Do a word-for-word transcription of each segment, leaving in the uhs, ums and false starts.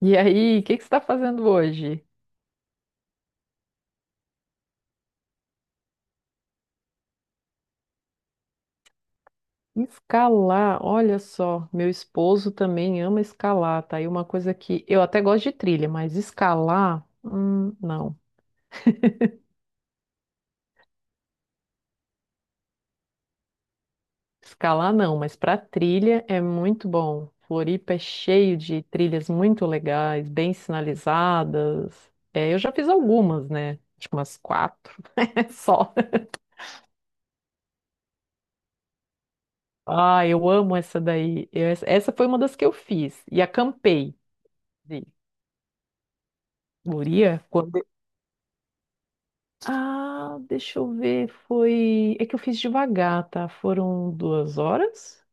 E aí, o que que você está fazendo hoje? Escalar, olha só, meu esposo também ama escalar, tá? E uma coisa que eu até gosto de trilha, mas escalar, hum, não. Escalar não, mas para trilha é muito bom. Floripa é cheio de trilhas muito legais, bem sinalizadas. É, eu já fiz algumas, né? Acho que umas quatro, só. Ah, eu amo essa daí. Eu- essa essa foi uma das que eu fiz. E acampei. Sim. Guria, quando, ah, deixa eu ver, foi. É que eu fiz devagar, tá? Foram duas horas?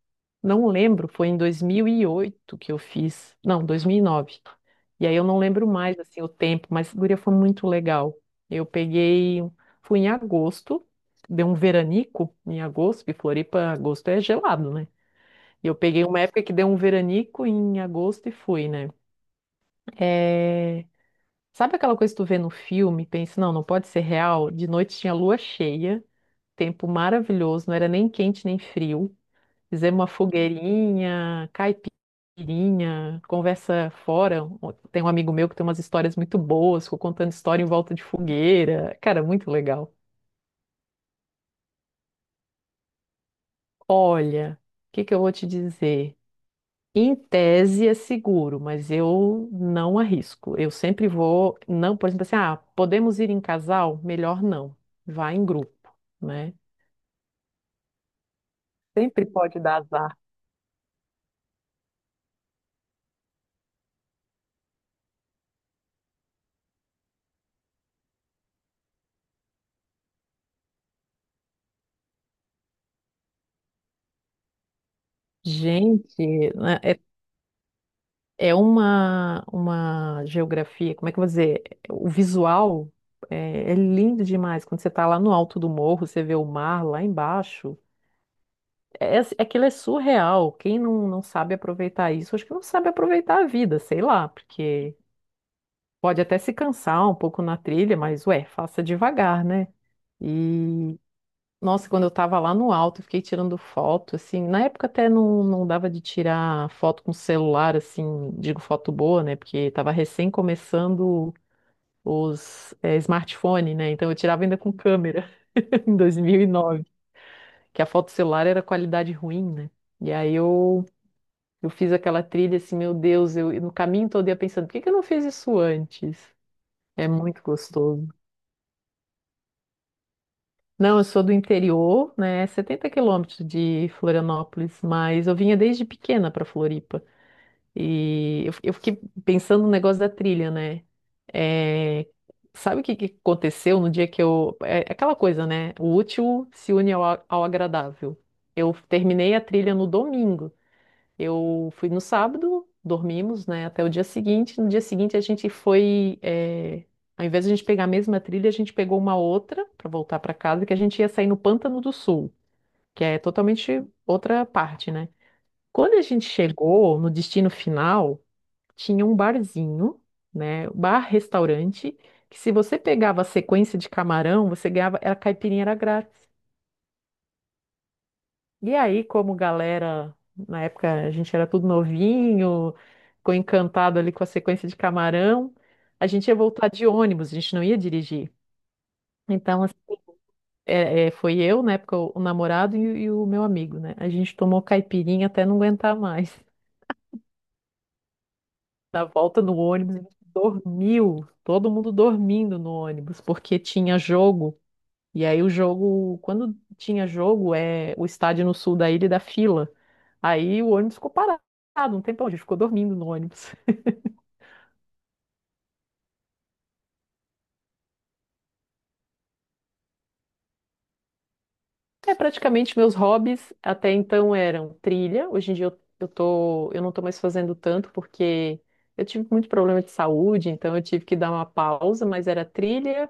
Não lembro, foi em dois mil e oito que eu fiz. Não, dois mil e nove. E nove. E aí eu não lembro mais, assim, o tempo, mas, guria, foi muito legal. Eu peguei. Fui em agosto, deu um veranico em agosto, porque Floripa, agosto é gelado, né? E eu peguei uma época que deu um veranico em agosto e fui, né? É, sabe aquela coisa que tu vê no filme, e pensa, não, não pode ser real? De noite tinha lua cheia, tempo maravilhoso, não era nem quente nem frio. Fizemos uma fogueirinha, caipirinha, conversa fora. Tem um amigo meu que tem umas histórias muito boas, ficou contando história em volta de fogueira. Cara, muito legal. Olha, o que que eu vou te dizer? Em tese é seguro, mas eu não arrisco. Eu sempre vou, não, por exemplo, assim, ah, podemos ir em casal? Melhor não. Vá em grupo, né? Sempre pode dar azar. Gente, né, é é uma, uma geografia, como é que eu vou dizer? O visual é, é lindo demais. Quando você está lá no alto do morro, você vê o mar lá embaixo. É, é- é aquilo, é surreal. Quem não, não sabe aproveitar isso, acho que não sabe aproveitar a vida, sei lá, porque pode até se cansar um pouco na trilha, mas ué, faça devagar, né? E nossa, quando eu tava lá no alto, eu fiquei tirando foto, assim, na época até não, não dava de tirar foto com celular, assim, digo foto boa, né, porque tava recém começando os eh, smartphone, né, então eu tirava ainda com câmera, em dois mil e nove, que a foto celular era qualidade ruim, né, e aí eu, eu fiz aquela trilha, assim, meu Deus, eu no caminho todo eu ia pensando, por que que eu não fiz isso antes? É muito gostoso. Não, eu sou do interior, né? Setenta quilômetros de Florianópolis, mas eu vinha desde pequena para Floripa. E eu, eu fiquei pensando no negócio da trilha, né? É, sabe o que, que aconteceu no dia que eu. É é aquela coisa, né? O útil se une ao, ao agradável. Eu terminei a trilha no domingo. Eu fui no sábado, dormimos, né, até o dia seguinte. No dia seguinte a gente foi, eh, ao invés de a gente pegar a mesma trilha, a gente pegou uma outra para voltar para casa, que a gente ia sair no Pântano do Sul, que é totalmente outra parte, né? Quando a gente chegou no destino final, tinha um barzinho, né, bar-restaurante, que se você pegava a sequência de camarão, você ganhava, a caipirinha era grátis. E aí, como galera, na época a gente era tudo novinho, ficou encantado ali com a sequência de camarão, a gente ia voltar de ônibus, a gente não ia dirigir. Então, assim, é, é, foi eu, na época, o, o namorado e, e o meu amigo, né? A gente tomou caipirinha até não aguentar mais. Na volta no ônibus, a gente dormiu, todo mundo dormindo no ônibus, porque tinha jogo. E aí o jogo, quando tinha jogo, é o estádio no sul da ilha e da fila. Aí o ônibus ficou parado um tempão, a gente ficou dormindo no ônibus. É, praticamente meus hobbies até então eram trilha. Hoje em dia eu, eu tô, eu não tô mais fazendo tanto porque eu tive muito problema de saúde, então eu tive que dar uma pausa, mas era trilha,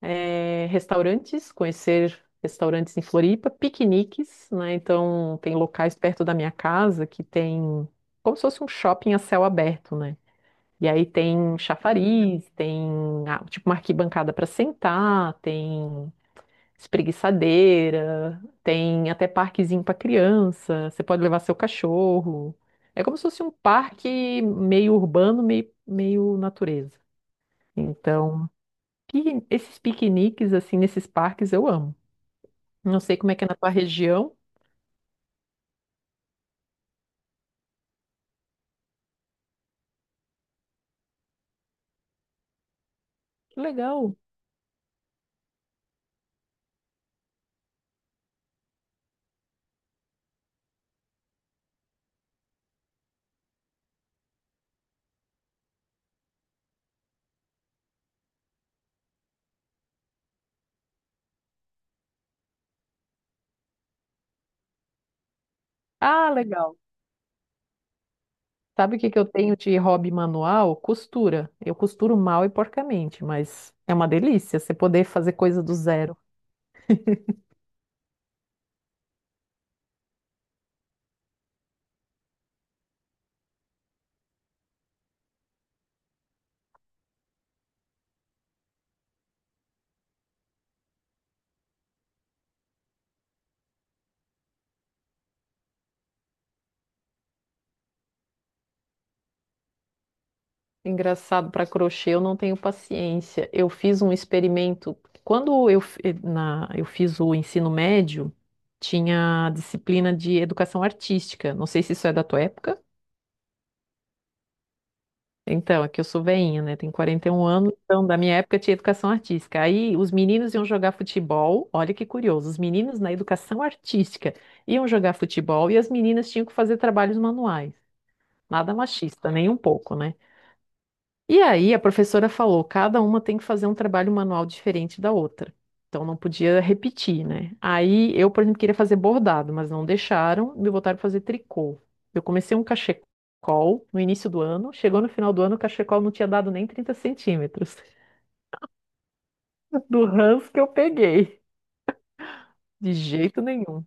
é, restaurantes, conhecer restaurantes em Floripa, piqueniques, né? Então tem locais perto da minha casa que tem como se fosse um shopping a céu aberto, né? E aí tem chafariz, tem ah, tipo uma arquibancada para sentar, tem espreguiçadeira, tem até parquezinho para criança. Você pode levar seu cachorro. É como se fosse um parque meio urbano, meio, meio natureza. Então, pi- esses piqueniques assim nesses parques eu amo. Não sei como é que é na tua região. Que legal. Ah, legal. Sabe o que que eu tenho de hobby manual? Costura. Eu costuro mal e porcamente, mas é uma delícia você poder fazer coisa do zero. Engraçado, para crochê eu não tenho paciência. Eu fiz um experimento. Quando eu, f- eh, na, eu fiz o ensino médio, tinha a disciplina de educação artística. Não sei se isso é da tua época. Então, aqui eu sou veinha, né? Tenho quarenta e um anos, então da minha época tinha educação artística. Aí os meninos iam jogar futebol, olha que curioso, os meninos na educação artística iam jogar futebol e as meninas tinham que fazer trabalhos manuais. Nada machista, nem um pouco, né? E aí a professora falou, cada uma tem que fazer um trabalho manual diferente da outra. Então não podia repetir, né? Aí eu, por exemplo, queria fazer bordado, mas não deixaram, me botaram pra fazer tricô. Eu comecei um cachecol no início do ano, chegou no final do ano, o cachecol não tinha dado nem trinta centímetros do ranço que eu peguei, de jeito nenhum.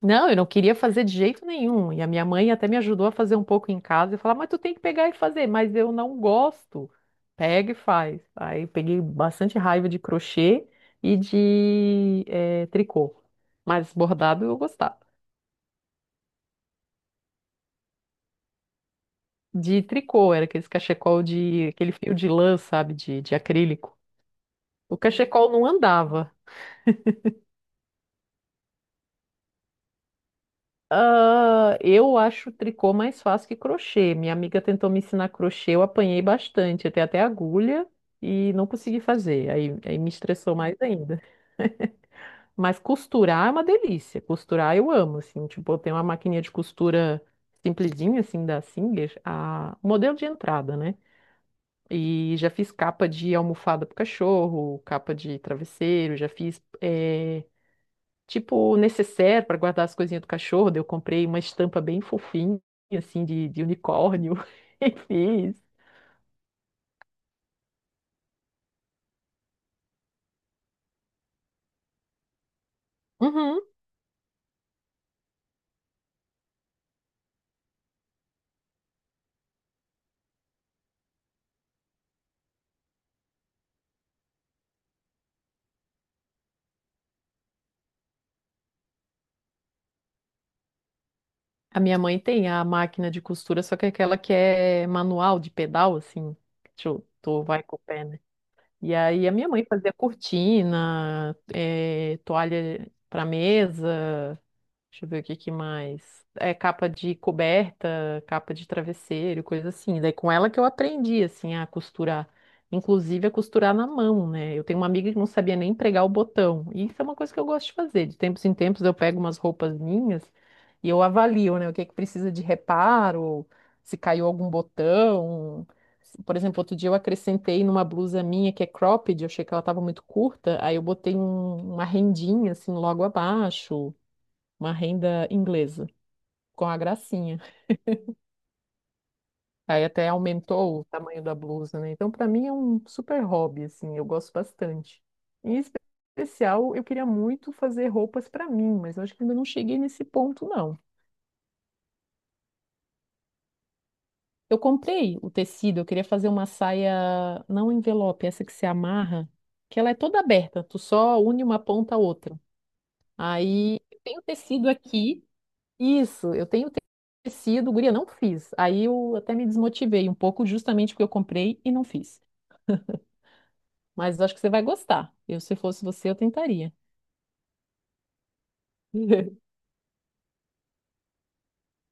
Não, eu não queria fazer de jeito nenhum. E a minha mãe até me ajudou a fazer um pouco em casa e falar, mas tu tem que pegar e fazer, mas eu não gosto. Pega e faz. Aí eu peguei bastante raiva de crochê e de eh, tricô. Mas bordado eu gostava. De tricô, era aquele cachecol de, aquele fio de lã, sabe, de, de acrílico. O cachecol não andava. Ah, eu acho tricô mais fácil que crochê. Minha amiga tentou me ensinar crochê, eu apanhei bastante, até até agulha e não consegui fazer. Aí, aí me estressou mais ainda. Mas costurar é uma delícia. Costurar eu amo, assim, tipo, eu tenho uma maquininha de costura simplesinha, assim, da Singer, a o modelo de entrada, né? E já fiz capa de almofada pro cachorro, capa de travesseiro, já fiz eh, tipo necessaire para guardar as coisinhas do cachorro. Daí eu comprei uma estampa bem fofinha, assim, de, de unicórnio e fiz. Uhum. A minha mãe tem a máquina de costura, só que é aquela que é manual, de pedal, assim. Tu, tu vai com o pé, né? E aí a minha mãe fazia cortina, eh, toalha para mesa. Deixa eu ver o que que mais. É capa de coberta, capa de travesseiro, coisa assim. Daí com ela que eu aprendi assim a costurar, inclusive a costurar na mão, né? Eu tenho uma amiga que não sabia nem pregar o botão. E isso é uma coisa que eu gosto de fazer. De tempos em tempos eu pego umas roupas minhas e eu avalio, né, o que é que precisa de reparo, se caiu algum botão. Se- Por exemplo, outro dia eu acrescentei numa blusa minha que é cropped, eu achei que ela estava muito curta, aí eu botei um- uma rendinha assim logo abaixo, uma renda inglesa, com a gracinha. Aí até aumentou o tamanho da blusa, né? Então, para mim é um super hobby, assim, eu gosto bastante. Em especial, eu queria muito fazer roupas para mim, mas eu acho que ainda não cheguei nesse ponto, não. Eu comprei o tecido, eu queria fazer uma saia, não envelope, essa que se amarra, que ela é toda aberta, tu só une uma ponta à outra. Aí, eu tenho o tecido aqui. Isso, eu tenho tecido, guria, não fiz. Aí eu até me desmotivei um pouco, justamente porque eu comprei e não fiz. Mas acho que você vai gostar. Eu, se fosse você, eu tentaria.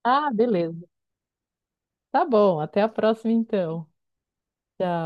Ah, beleza. Tá bom, até a próxima então.